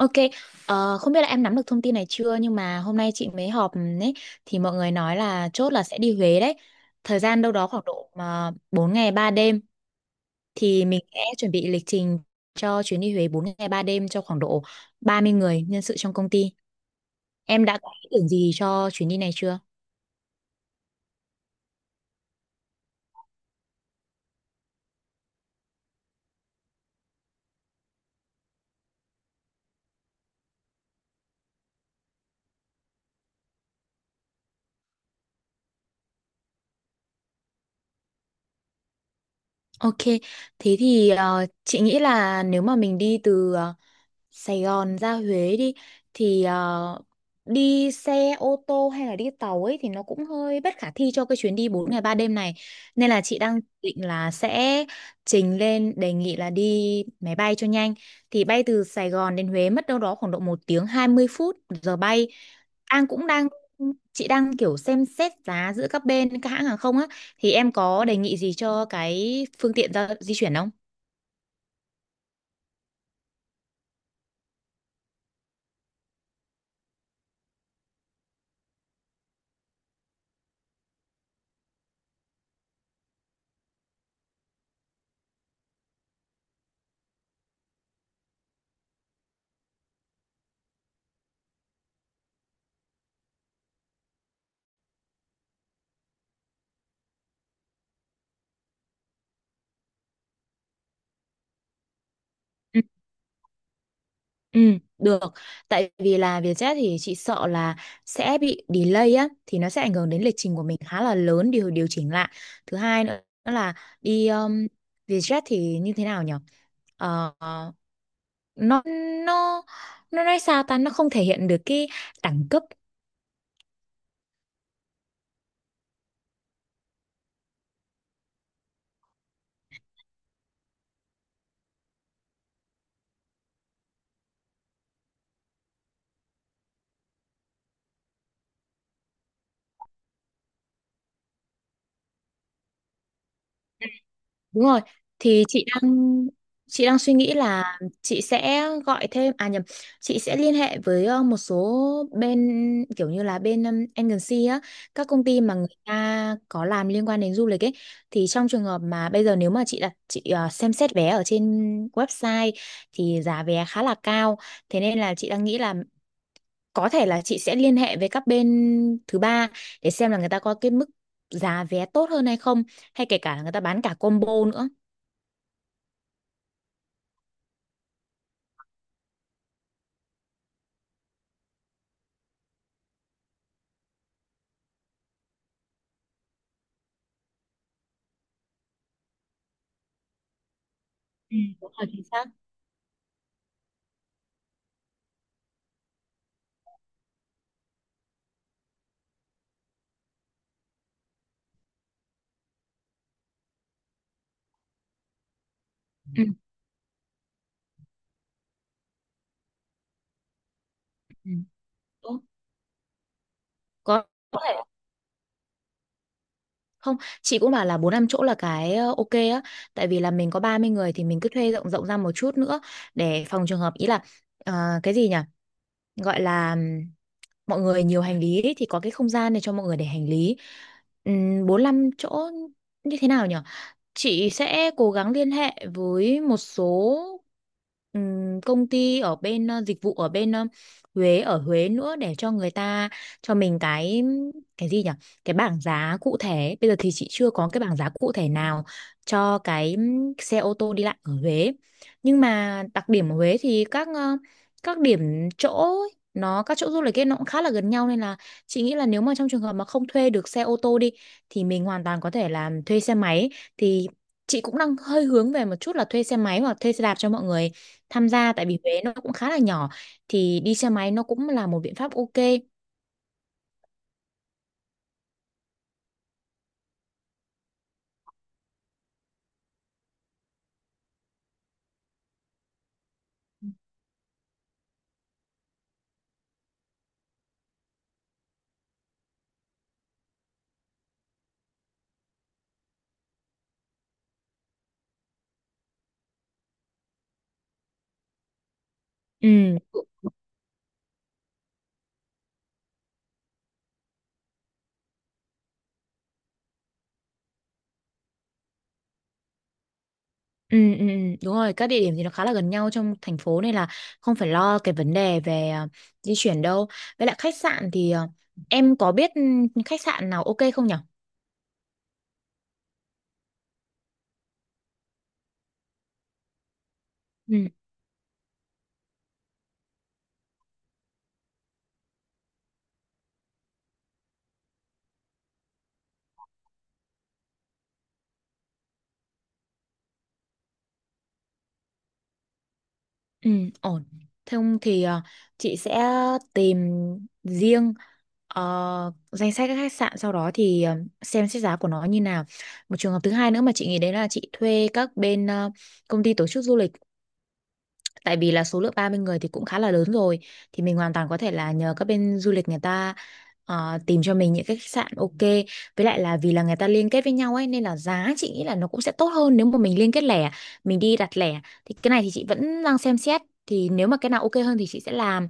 Ok, không biết là em nắm được thông tin này chưa nhưng mà hôm nay chị mới họp ấy thì mọi người nói là chốt là sẽ đi Huế đấy. Thời gian đâu đó khoảng độ mà 4 ngày 3 đêm thì mình sẽ chuẩn bị lịch trình cho chuyến đi Huế 4 ngày 3 đêm cho khoảng độ 30 người nhân sự trong công ty. Em đã có ý tưởng gì cho chuyến đi này chưa? Ok, thế thì chị nghĩ là nếu mà mình đi từ Sài Gòn ra Huế đi thì đi xe ô tô hay là đi tàu ấy thì nó cũng hơi bất khả thi cho cái chuyến đi 4 ngày 3 đêm này. Nên là chị đang định là sẽ trình lên đề nghị là đi máy bay cho nhanh. Thì bay từ Sài Gòn đến Huế mất đâu đó khoảng độ 1 tiếng 20 phút giờ bay. An cũng đang chị đang kiểu xem xét giá giữa các bên các hãng hàng không á thì em có đề nghị gì cho cái phương tiện giao di chuyển không? Ừ, được. Tại vì là Vietjet thì chị sợ là sẽ bị delay á, thì nó sẽ ảnh hưởng đến lịch trình của mình khá là lớn điều điều chỉnh lại. Thứ hai nữa là đi Vietjet thì như thế nào nhỉ? Ờ, nó nó nó nói sao ta nó không thể hiện được cái đẳng cấp. Đúng rồi, thì chị đang suy nghĩ là chị sẽ gọi thêm à nhầm, chị sẽ liên hệ với một số bên kiểu như là bên agency á, các công ty mà người ta có làm liên quan đến du lịch ấy thì trong trường hợp mà bây giờ nếu mà chị xem xét vé ở trên website thì giá vé khá là cao, thế nên là chị đang nghĩ là có thể là chị sẽ liên hệ với các bên thứ ba để xem là người ta có cái mức giá vé tốt hơn hay không hay kể cả là người ta bán cả combo nữa. Ừ, đúng rồi, chính xác. Ừ. Ừ. Đúng. có có thể không, chị cũng bảo là 45 chỗ là cái ok á, tại vì là mình có 30 người thì mình cứ thuê rộng rộng ra một chút nữa để phòng trường hợp ý là, ờ, cái gì nhỉ, gọi là, mọi người nhiều hành lý ấy, thì có cái không gian này cho mọi người để hành lý. 45 chỗ như thế nào nhỉ, chị sẽ cố gắng liên hệ với một số công ty ở bên dịch vụ ở bên Huế ở Huế nữa để cho người ta cho mình cái gì nhỉ, cái bảng giá cụ thể, bây giờ thì chị chưa có cái bảng giá cụ thể nào cho cái xe ô tô đi lại ở Huế. Nhưng mà đặc điểm ở Huế thì các các điểm chỗ, các chỗ du lịch ấy nó cũng khá là gần nhau nên là chị nghĩ là nếu mà trong trường hợp mà không thuê được xe ô tô đi thì mình hoàn toàn có thể là thuê xe máy. Thì chị cũng đang hơi hướng về một chút là thuê xe máy hoặc thuê xe đạp cho mọi người tham gia, tại vì Huế nó cũng khá là nhỏ thì đi xe máy nó cũng là một biện pháp ok. ừ Ừ, ừ, ừ, đúng rồi, các địa điểm thì nó khá là gần nhau trong thành phố nên là không phải lo cái vấn đề về di chuyển đâu. Với lại khách sạn thì, em có biết khách sạn nào ok không nhở? Ừ, ổn. Thế không thì chị sẽ tìm riêng danh sách các khách sạn, sau đó thì xem xét giá của nó như nào. Một trường hợp thứ hai nữa mà chị nghĩ đấy là chị thuê các bên công ty tổ chức du lịch, tại vì là số lượng 30 người thì cũng khá là lớn rồi thì mình hoàn toàn có thể là nhờ các bên du lịch người ta tìm cho mình những cái khách sạn ok, với lại là vì là người ta liên kết với nhau ấy nên là giá chị nghĩ là nó cũng sẽ tốt hơn nếu mà mình liên kết lẻ, mình đi đặt lẻ. Thì cái này thì chị vẫn đang xem xét, thì nếu mà cái nào ok hơn thì chị sẽ làm.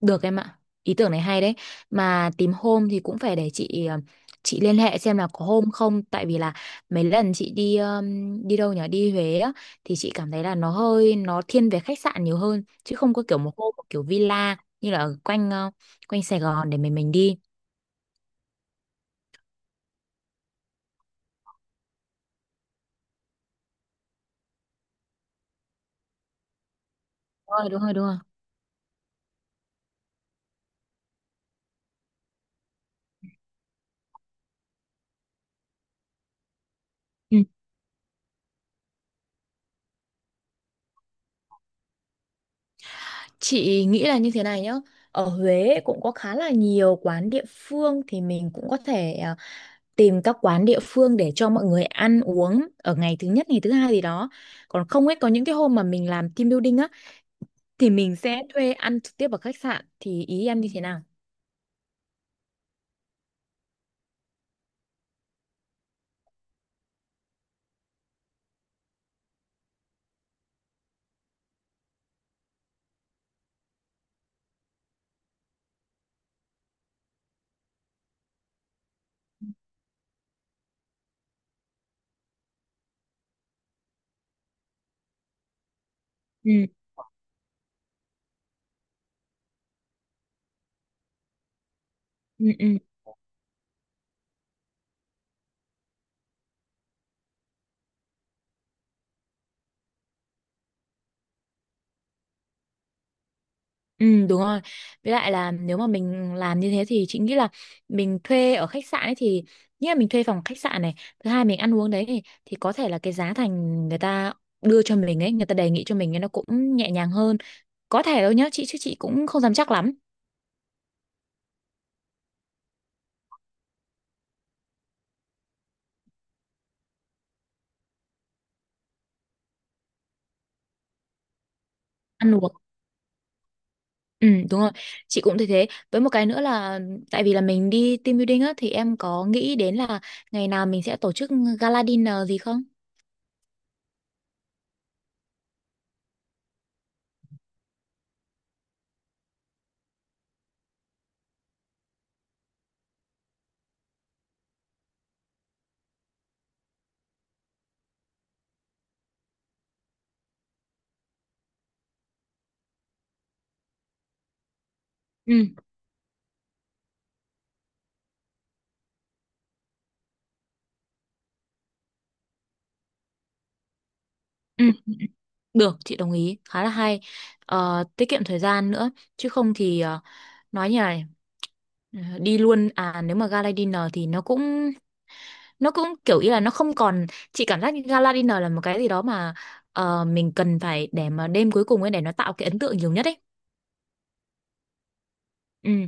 Được em ạ, ý tưởng này hay đấy. Mà tìm hôm thì cũng phải để chị chị liên hệ xem là có hôm không, tại vì là mấy lần chị đi đi đâu nhỉ, đi Huế á, thì chị cảm thấy là nó hơi, nó thiên về khách sạn nhiều hơn chứ không có kiểu một hôm, một kiểu villa như là ở quanh quanh Sài Gòn để mình đi. Đúng rồi, đúng rồi, đúng rồi. Ừ. Chị nghĩ là như thế này nhá. Ở Huế cũng có khá là nhiều quán địa phương thì mình cũng có thể tìm các quán địa phương để cho mọi người ăn uống ở ngày thứ nhất, ngày thứ hai gì đó, còn không ấy có những cái hôm mà mình làm team building á thì mình sẽ thuê ăn trực tiếp ở khách sạn. Thì ý em như thế nào? Ừ, ừ, ừ. Ừ, đúng rồi. Với lại là nếu mà mình làm như thế thì chị nghĩ là mình thuê ở khách sạn ấy thì, nghĩa là mình thuê phòng khách sạn này, thứ hai mình ăn uống đấy, thì có thể là cái giá thành người ta đưa cho mình ấy, người ta đề nghị cho mình ấy nó cũng nhẹ nhàng hơn. Có thể đâu nhá chị, chứ chị cũng không dám chắc lắm. Ăn uống Ừ, đúng rồi, chị cũng thấy thế. Với một cái nữa là, tại vì là mình đi team building á thì em có nghĩ đến là ngày nào mình sẽ tổ chức gala dinner gì không? Ừ, ừ, được, chị đồng ý, khá là hay. Ờ, tiết kiệm thời gian nữa chứ không thì nói như này, đi luôn à, nếu mà gala dinner thì nó cũng kiểu ý là nó không còn, chị cảm giác như gala dinner là một cái gì đó mà mình cần phải để mà đêm cuối cùng ấy để nó tạo cái ấn tượng nhiều nhất ấy. Ừ.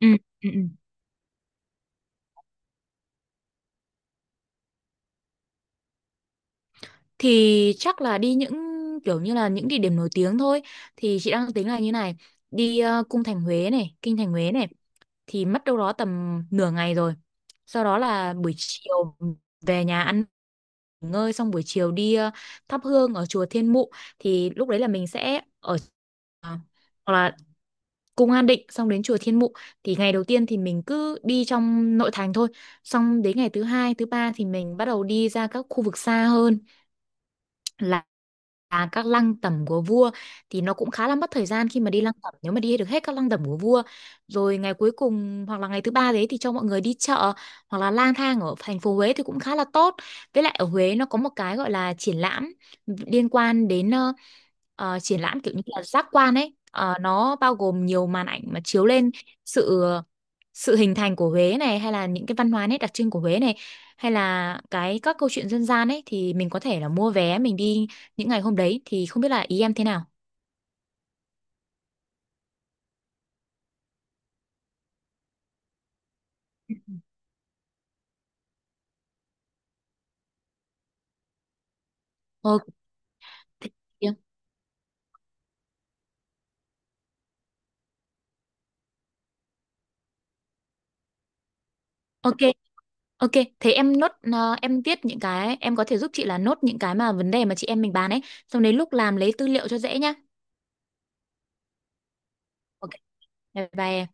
Ừ, ừ. Ừ. Thì chắc là đi những kiểu như là những địa điểm nổi tiếng thôi. Thì chị đang tính là như này, đi cung thành Huế này, kinh thành Huế này, thì mất đâu đó tầm nửa ngày rồi, sau đó là buổi chiều về nhà ăn nghỉ ngơi, xong buổi chiều đi thắp hương ở chùa Thiên Mụ. Thì lúc đấy là mình sẽ ở ờ, hoặc là cung An Định, xong đến chùa Thiên Mụ. Thì ngày đầu tiên thì mình cứ đi trong nội thành thôi, xong đến ngày thứ hai, thứ ba thì mình bắt đầu đi ra các khu vực xa hơn, các lăng tẩm của vua, thì nó cũng khá là mất thời gian khi mà đi lăng tẩm nếu mà đi được hết các lăng tẩm của vua. Rồi ngày cuối cùng hoặc là ngày thứ ba đấy thì cho mọi người đi chợ hoặc là lang thang ở thành phố Huế thì cũng khá là tốt. Với lại ở Huế nó có một cái gọi là triển lãm liên quan đến triển lãm kiểu như là giác quan ấy. Ờ, nó bao gồm nhiều màn ảnh mà chiếu lên sự sự hình thành của Huế này, hay là những cái văn hóa nét đặc trưng của Huế này, hay là cái các câu chuyện dân gian ấy, thì mình có thể là mua vé mình đi những ngày hôm đấy. Thì không biết là ý em thế nào? Ok. Ok. Ok, thế em nốt em viết những cái em có thể giúp chị là nốt những cái mà vấn đề mà chị em mình bàn ấy, xong đến lúc làm lấy tư liệu cho dễ nhá. Ok, bye bye em.